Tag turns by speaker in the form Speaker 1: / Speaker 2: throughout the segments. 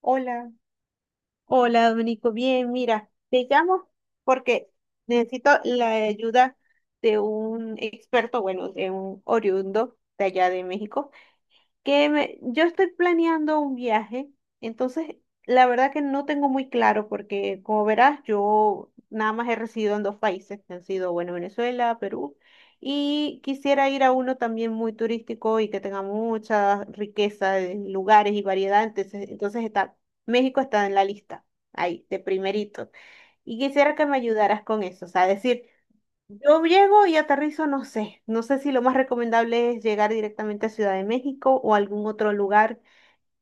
Speaker 1: Hola, hola Dominico, bien, mira, te llamo porque necesito la ayuda de un experto, bueno, de un oriundo de allá de México yo estoy planeando un viaje, entonces la verdad que no tengo muy claro porque como verás yo nada más he residido en dos países, que han sido, bueno, Venezuela, Perú, y quisiera ir a uno también muy turístico y que tenga mucha riqueza de lugares y variedad, entonces está, México está en la lista, ahí, de primerito, y quisiera que me ayudaras con eso, o sea, decir... Yo llego y aterrizo, no sé. No sé si lo más recomendable es llegar directamente a Ciudad de México o algún otro lugar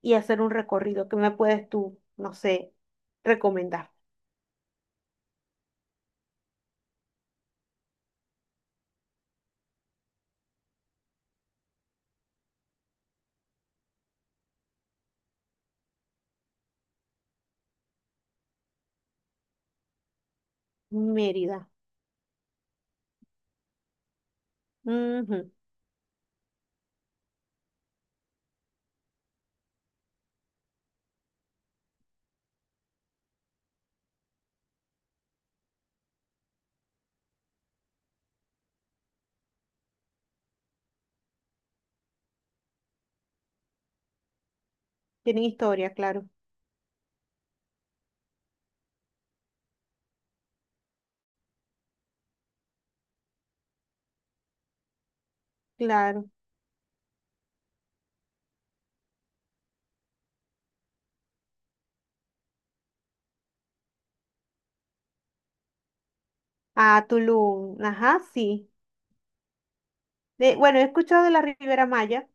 Speaker 1: y hacer un recorrido. ¿Qué me puedes tú, no sé, recomendar? Mérida. Ujú. Tienen historia, claro, claro. Ah, Tulum. Ajá, sí. De, bueno, he escuchado de la Riviera Maya.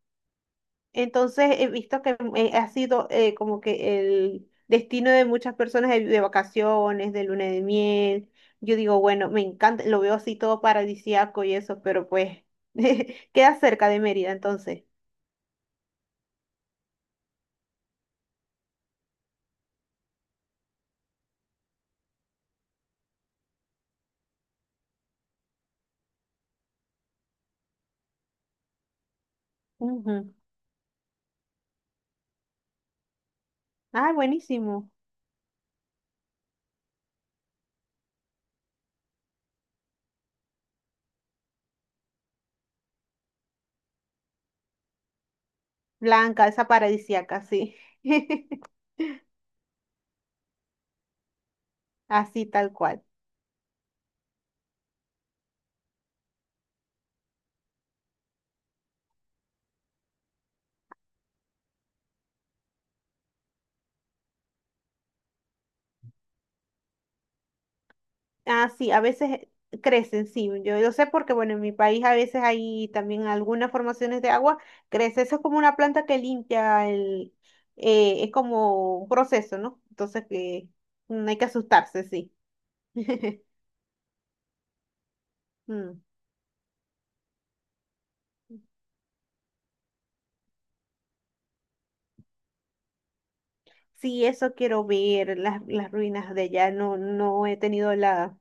Speaker 1: Entonces he visto que ha sido como que el destino de muchas personas de vacaciones, de luna de miel. Yo digo, bueno, me encanta, lo veo así todo paradisíaco y eso, pero pues queda cerca de Mérida entonces. Ujú. Ay, buenísimo. Blanca, esa paradisíaca, sí. Así tal cual. Ah, sí, a veces crecen, sí. Yo, lo sé porque, bueno, en mi país a veces hay también algunas formaciones de agua, crece. Eso es como una planta que limpia el, es como un proceso, ¿no? Entonces que no hay que asustarse, sí. Mm. Sí, eso quiero ver, las ruinas de allá. No, no he tenido la,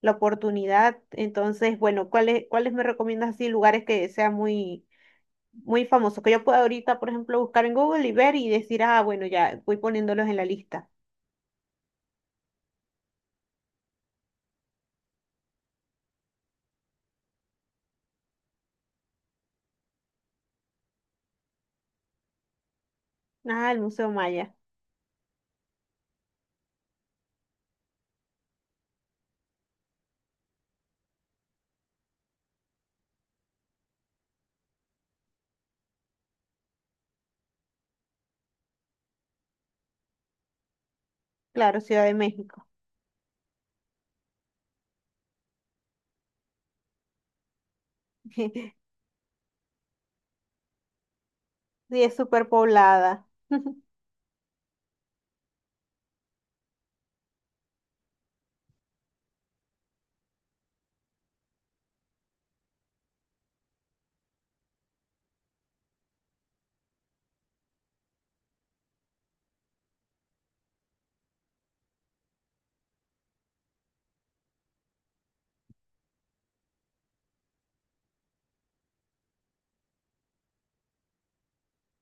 Speaker 1: la oportunidad. Entonces, bueno, ¿cuáles, cuáles me recomiendas así lugares que sean muy famosos que yo puedo ahorita, por ejemplo, buscar en Google y ver y decir, ah, bueno, ya voy poniéndolos en la lista. Ah, el Museo Maya. Claro, Ciudad de México. Sí, es súper poblada.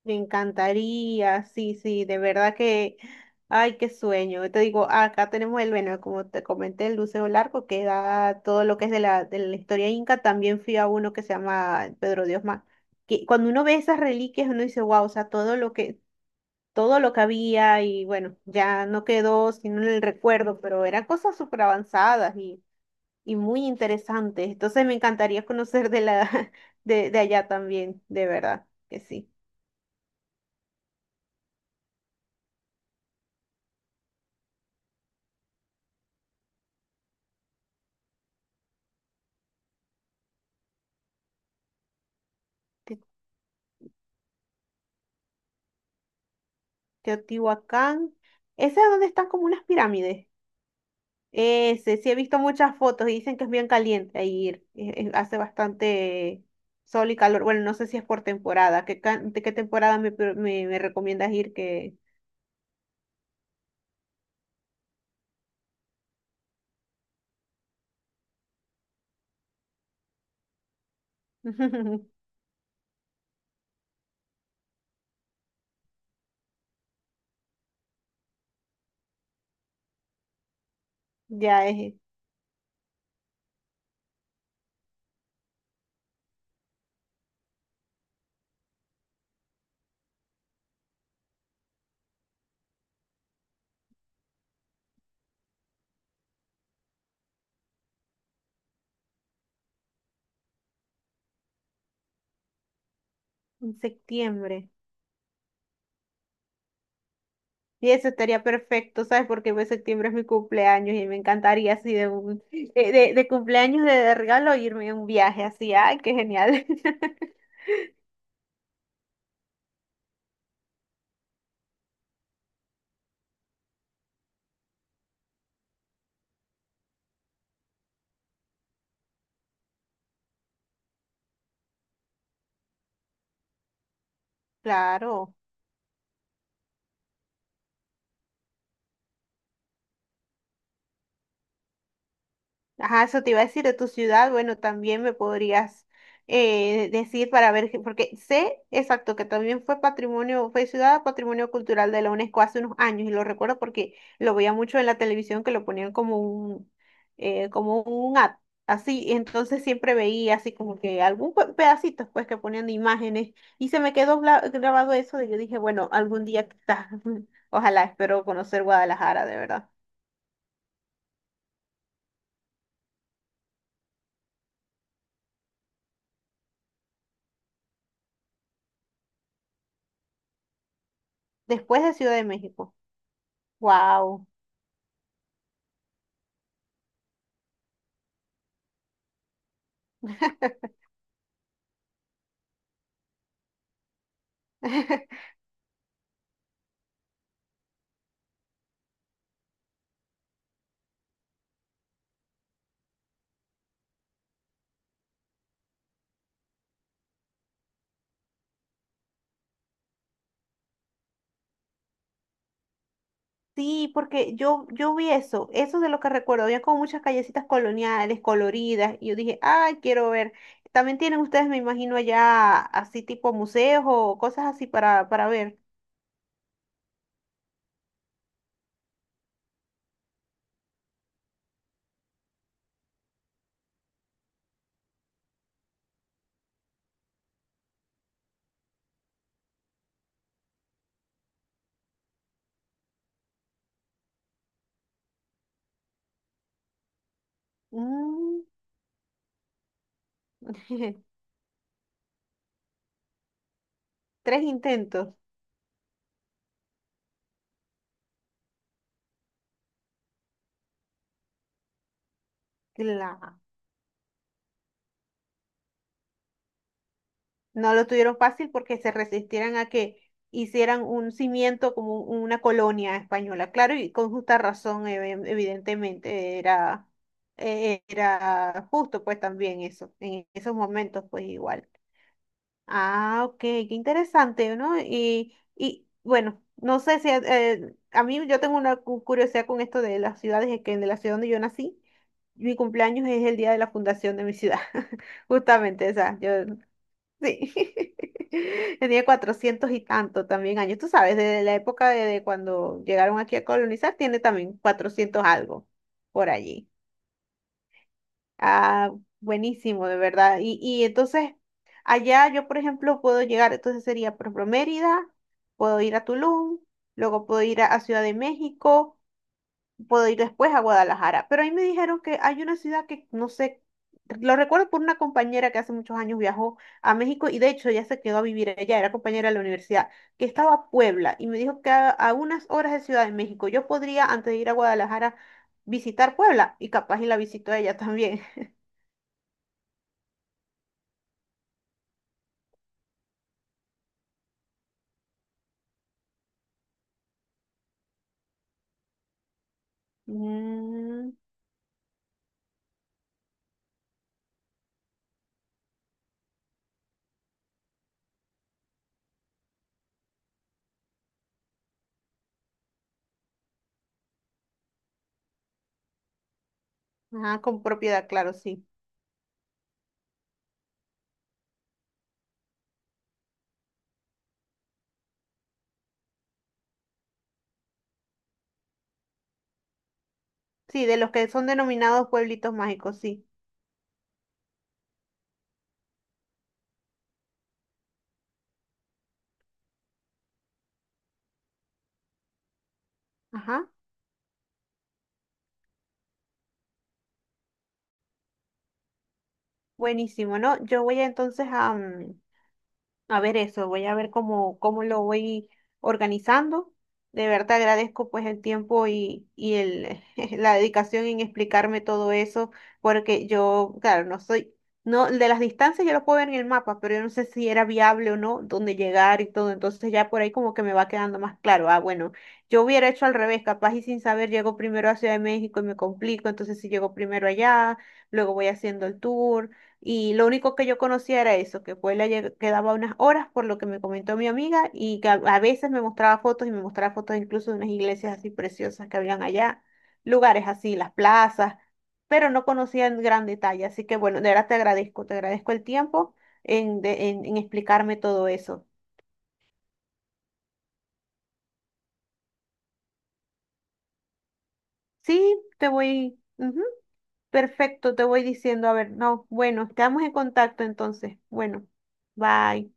Speaker 1: Me encantaría, sí, sí, de verdad que, ay, qué sueño. Yo te digo, acá tenemos el, bueno, como te comenté, el Museo Larco, que da todo lo que es de la historia inca. También fui a uno que se llama Pedro de Osma. Que cuando uno ve esas reliquias, uno dice, wow, o sea, todo lo que había y bueno, ya no quedó sino en el recuerdo, pero eran cosas súper avanzadas y muy interesantes. Entonces me encantaría conocer de la de allá también, de verdad, que sí. Te- Teotihuacán, ese es donde están como unas pirámides. Ese, sí he visto muchas fotos y dicen que es bien caliente ahí ir. Hace bastante sol y calor. Bueno, no sé si es por temporada. ¿De qué temporada me, me recomiendas ir que ya es? En septiembre. Y eso estaría perfecto, ¿sabes? Porque pues, septiembre es mi cumpleaños y me encantaría así de un de cumpleaños de regalo irme a un viaje así. ¡Ay, qué genial! Claro. Ajá, eso te iba a decir de tu ciudad. Bueno, también me podrías decir para ver, porque sé exacto que también fue patrimonio, fue ciudad patrimonio cultural de la UNESCO hace unos años y lo recuerdo porque lo veía mucho en la televisión que lo ponían como un ad, así. Y entonces siempre veía así como que algún pedacito pues que ponían de imágenes y se me quedó grabado eso y yo dije, bueno, algún día quizás, ojalá espero conocer Guadalajara de verdad. Después de Ciudad de México. Wow. Sí, porque yo vi eso, eso es de lo que recuerdo, había como muchas callecitas coloniales, coloridas, y yo dije, ay, quiero ver. También tienen ustedes, me imagino, allá así tipo museos o cosas así para ver. Mm. Tres intentos. Claro. No lo tuvieron fácil porque se resistieran a que hicieran un cimiento como una colonia española. Claro, y con justa razón, evidentemente, era, era justo pues también eso, en esos momentos pues igual. Ah, ok, qué interesante, ¿no? Y bueno, no sé si a mí yo tengo una curiosidad con esto de las ciudades, es que de la ciudad donde yo nací, mi cumpleaños es el día de la fundación de mi ciudad, justamente, o sea, yo sí, tenía cuatrocientos y tanto también años. Tú sabes, desde la época de cuando llegaron aquí a colonizar, tiene también cuatrocientos algo por allí. Ah, buenísimo, de verdad. Y entonces, allá yo, por ejemplo, puedo llegar, entonces sería, por ejemplo, Mérida, puedo ir a Tulum, luego puedo ir a Ciudad de México, puedo ir después a Guadalajara. Pero ahí me dijeron que hay una ciudad que no sé, lo recuerdo por una compañera que hace muchos años viajó a México y de hecho ya se quedó a vivir allá, era compañera de la universidad, que estaba a Puebla y me dijo que a unas horas de Ciudad de México yo podría, antes de ir a Guadalajara, visitar Puebla y capaz y la visitó ella también. Mm, ajá, con propiedad, claro, sí. Sí, de los que son denominados pueblitos mágicos, sí. Ajá, buenísimo, ¿no? Yo voy a, entonces a, mm, a ver eso, voy a ver cómo, cómo lo voy organizando. De verdad te agradezco pues el tiempo y el, la dedicación en explicarme todo eso, porque yo, claro, no soy, no, de las distancias yo lo puedo ver en el mapa, pero yo no sé si era viable o no, dónde llegar y todo. Entonces ya por ahí como que me va quedando más claro. Ah, bueno, yo hubiera hecho al revés, capaz y sin saber llego primero a Ciudad de México y me complico, entonces si llego primero allá, luego voy haciendo el tour. Y lo único que yo conocía era eso, que Puebla quedaba unas horas, por lo que me comentó mi amiga, y que a veces me mostraba fotos y me mostraba fotos incluso de unas iglesias así preciosas que habían allá, lugares así, las plazas, pero no conocía en gran detalle. Así que bueno, de verdad te agradezco el tiempo en, en explicarme todo eso. Sí, te voy, ujú, perfecto, te voy diciendo, a ver, no, bueno, estamos en contacto entonces. Bueno, bye.